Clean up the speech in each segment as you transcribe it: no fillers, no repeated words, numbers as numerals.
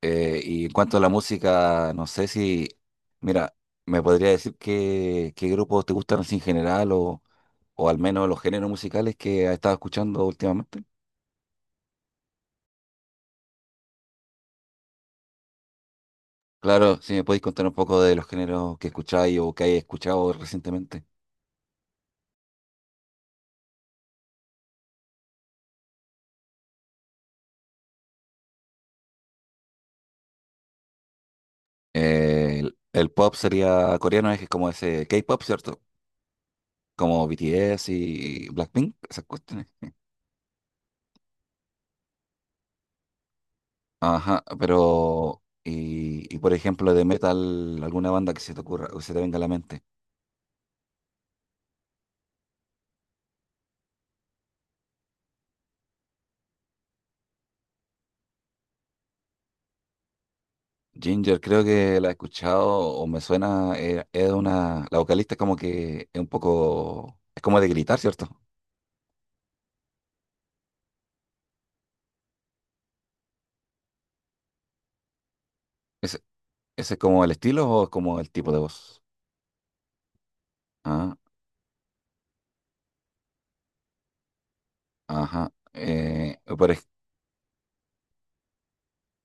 Y en cuanto a la música, no sé si, mira, me podría decir qué grupos te gustan así en general o al menos los géneros musicales que has estado escuchando últimamente. Claro, si me podéis contar un poco de los géneros que escucháis o que hayas escuchado recientemente. El pop sería coreano, es como ese K-pop, ¿cierto? Como BTS y Blackpink, esas cuestiones. Ajá, pero, y por ejemplo, de metal, alguna banda que se te ocurra o que se te venga a la mente. Ginger, creo que la he escuchado o me suena, la vocalista es como que es un poco, es como de gritar, ¿cierto? ¿Ese, ese es como el estilo o es como el tipo de voz? Ah, ajá.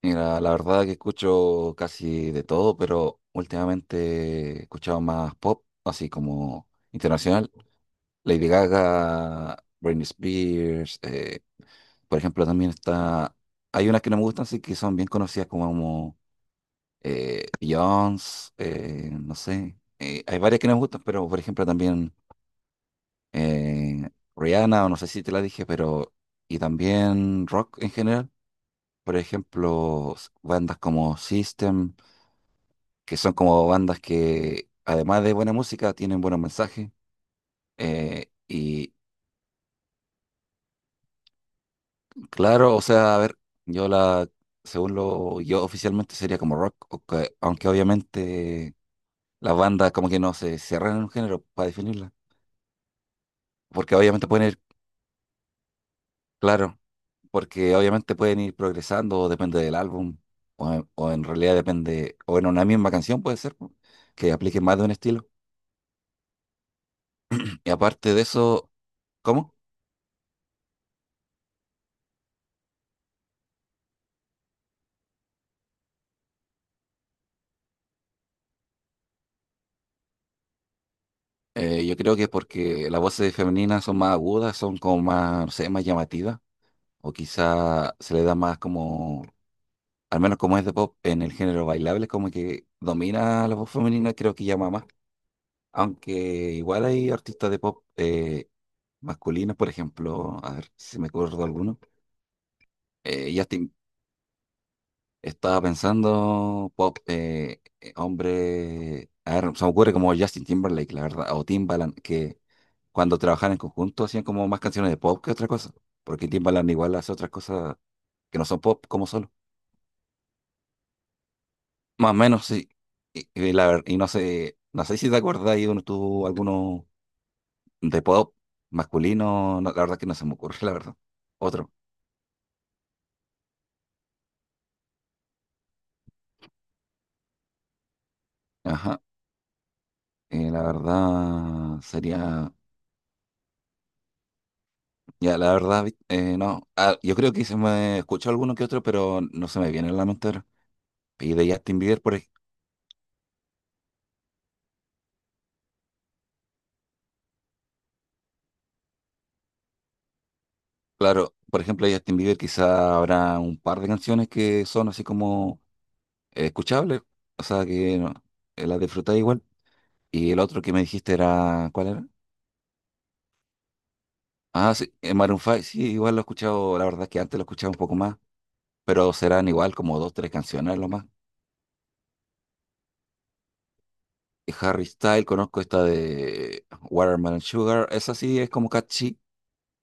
Mira, la verdad que escucho casi de todo, pero últimamente he escuchado más pop, así como internacional. Lady Gaga, Britney Spears, por ejemplo, también está, hay unas que no me gustan, sí que son bien conocidas como Beyoncé, no sé. Hay varias que nos gustan, pero por ejemplo también eh, Rihanna, o no sé si te la dije, pero. Y también rock en general. Por ejemplo, bandas como System, que son como bandas que, además de buena música, tienen buenos mensajes. Y claro, o sea, a ver, yo la. Según lo yo oficialmente sería como rock, aunque obviamente las bandas como que no se cierran en un género para definirla porque obviamente pueden ir. Claro, porque obviamente pueden ir progresando, depende del álbum, o en realidad depende, o en una misma canción puede ser, po, que aplique más de un estilo. Y aparte de eso, ¿cómo? Yo creo que es porque las voces femeninas son más agudas, son como más, no sé, más llamativas, o quizá se le da más como, al menos como es de pop, en el género bailable, como que domina la voz femenina, creo que llama más. Aunque igual hay artistas de pop masculinos, por ejemplo, a ver si me acuerdo alguno. Justin, estaba pensando, pop, hombre, a ver, se me ocurre como Justin Timberlake, la verdad, o Timbaland, que cuando trabajaban en conjunto hacían como más canciones de pop que otra cosa, porque Timbaland igual hace otras cosas que no son pop como solo. Más o menos, sí. Y no sé si te acuerdas, ahí uno tuvo alguno de pop masculino, no, la verdad que no se me ocurre, la verdad. Otro. Ajá. La verdad sería. Ya, la verdad, no. Ah, yo creo que se me escuchó alguno que otro, pero no se me viene a la mente ahora. Y de Justin Bieber, claro, por ejemplo, de Justin Bieber quizá habrá un par de canciones que son así como escuchables, o sea que no, las disfruté igual. Y el otro que me dijiste era, ¿cuál era? Ah, sí, Maroon 5, sí, igual lo he escuchado, la verdad es que antes lo escuchaba un poco más, pero serán igual como dos, tres canciones lo más. Y Harry Style, conozco esta de Watermelon Sugar, esa sí es como catchy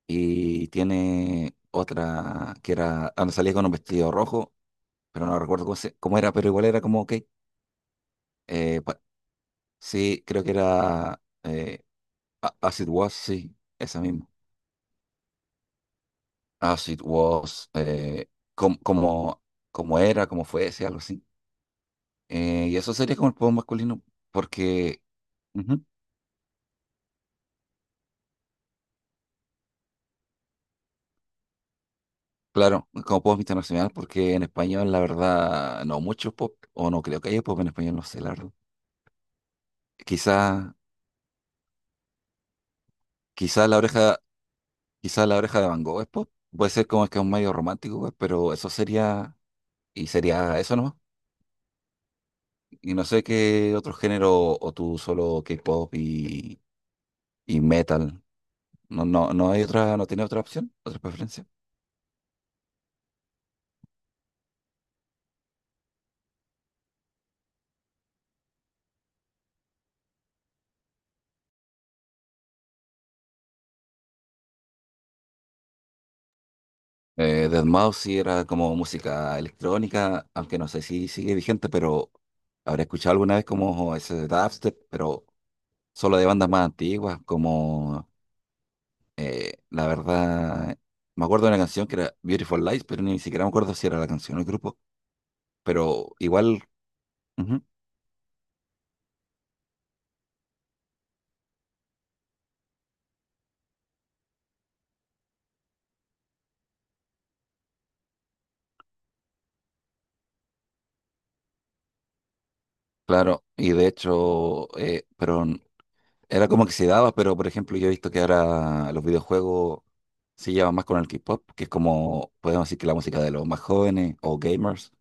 y tiene otra que era, ah, no, salía con un vestido rojo, pero no recuerdo cómo, cómo era, pero igual era como, ok, eh, pa- sí, creo que era As It Was, sí, esa misma, As It Was, como, como era, como fuese, algo así. Y eso sería como el pop masculino, porque, ujú, claro, como pop internacional, porque en español, la verdad, no mucho pop, o no creo que haya pop en español, no sé, la verdad. Quizá, quizá la oreja Quizás la oreja de Van Gogh es pop. Puede ser como que es un medio romántico, pues, pero eso sería. Y sería eso nomás. Y no sé qué otro género, o tú solo K-pop y metal. No, no, no hay otra, no tiene otra opción, otra preferencia. Deadmau5 sí era como música electrónica, aunque no sé si sigue vigente, pero habré escuchado alguna vez como ese dubstep, pero solo de bandas más antiguas, como la verdad, me acuerdo de una canción que era Beautiful Lies, pero ni siquiera me acuerdo si era la canción o el grupo, pero igual, ujú, claro, y de hecho, era como que se daba, pero por ejemplo, yo he visto que ahora los videojuegos se llevan más con el K-pop, que es como, podemos decir que la música de los más jóvenes o gamers,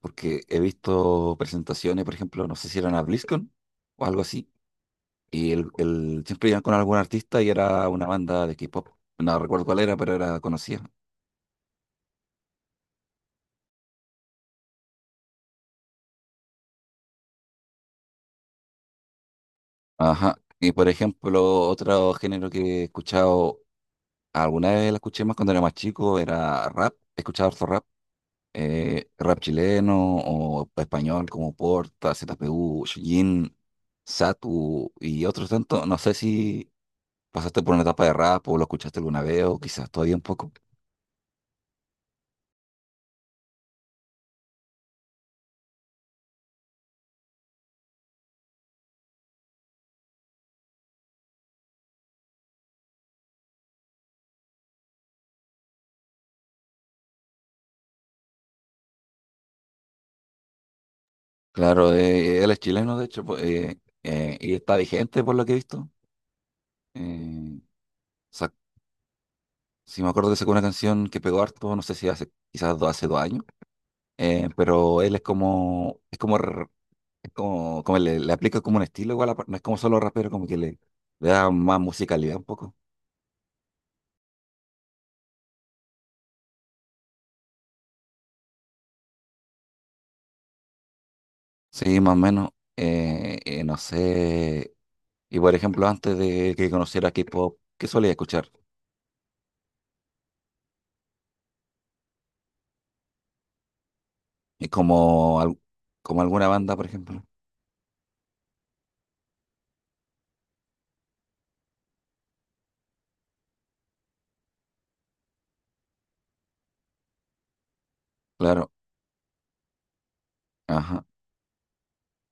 porque he visto presentaciones, por ejemplo, no sé si eran a BlizzCon o algo así, siempre iban con algún artista y era una banda de K-pop, no recuerdo cuál era, pero era conocida. Ajá. Y por ejemplo, otro género que he escuchado. Alguna vez la escuché más cuando era más chico, era rap, escuchaba harto rap, rap chileno o español como Porta, ZPU, Chillín, Satu y otros tantos. No sé si pasaste por una etapa de rap o lo escuchaste alguna vez o quizás todavía un poco. Claro, él es chileno de hecho pues, y está vigente por lo que he visto. Eh, sac- si me acuerdo que sacó una canción que pegó harto, no sé si hace quizás hace 2 años. Pero él es como, es como, como le aplica como un estilo igual, no es como solo rapero, como que le da más musicalidad un poco. Sí, más o menos. No sé. Y por ejemplo, antes de que conociera K-pop, ¿qué solía escuchar? Y como, como alguna banda, por ejemplo. Claro, ajá,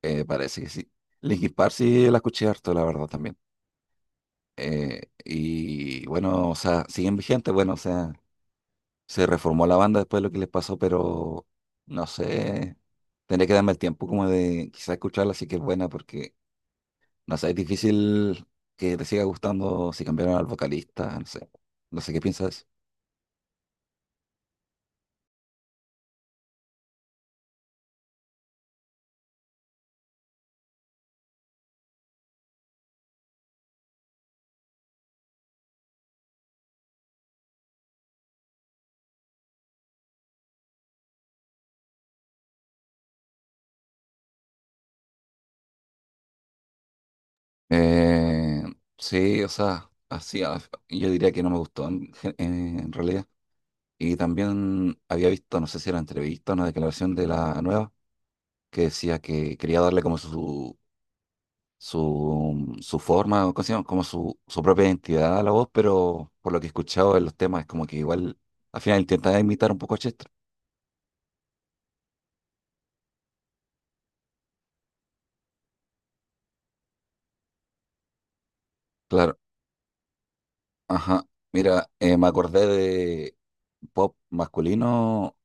parece que sí. Linkin Park sí la escuché harto, la verdad, también. Y bueno, o sea, siguen vigentes, bueno, o sea. Se reformó la banda después de lo que les pasó, pero no sé, tendría que darme el tiempo como de quizás escucharla, sí que es buena, porque no sé, es difícil que te siga gustando si cambiaron al vocalista, no sé qué piensas. Eh, sí, o sea, así, yo diría que no me gustó en realidad. Y también había visto, no sé si era entrevista, una declaración de la nueva, que decía que quería darle como su forma, o ¿cómo se llama? Como su propia identidad a la voz, pero por lo que he escuchado en los temas, es como que igual al final intenta imitar un poco a Chester. Claro, ajá. Mira, me acordé de pop masculino,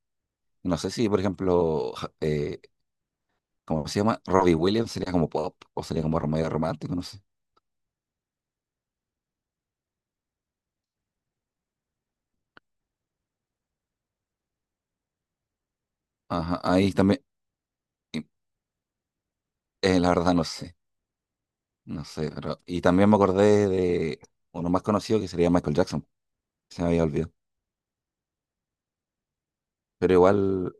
no sé si, por ejemplo, ¿cómo se llama? Robbie Williams sería como pop o sería como medio romántico, no sé. Ajá, ahí también, y- la verdad no sé, pero... Y también me acordé de uno más conocido que sería Michael Jackson, se me había olvidado. Pero igual.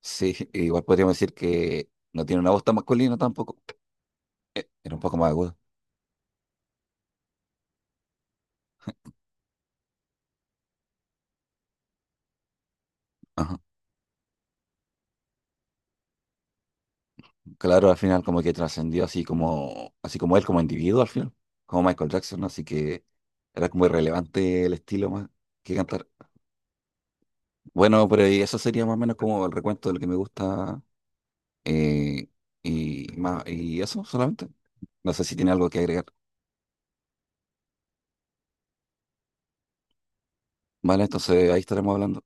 Sí, igual podríamos decir que no tiene una voz tan masculina tampoco. Era un poco más aguda. Ajá. Claro, al final como que trascendió así como él como individuo al final, como Michael Jackson, ¿no? Así que era como irrelevante el estilo más que cantar. Bueno, pero y eso sería más o menos como el recuento de lo que me gusta, eh, y más, y eso solamente. No sé si tiene algo que agregar. Vale, entonces ahí estaremos hablando.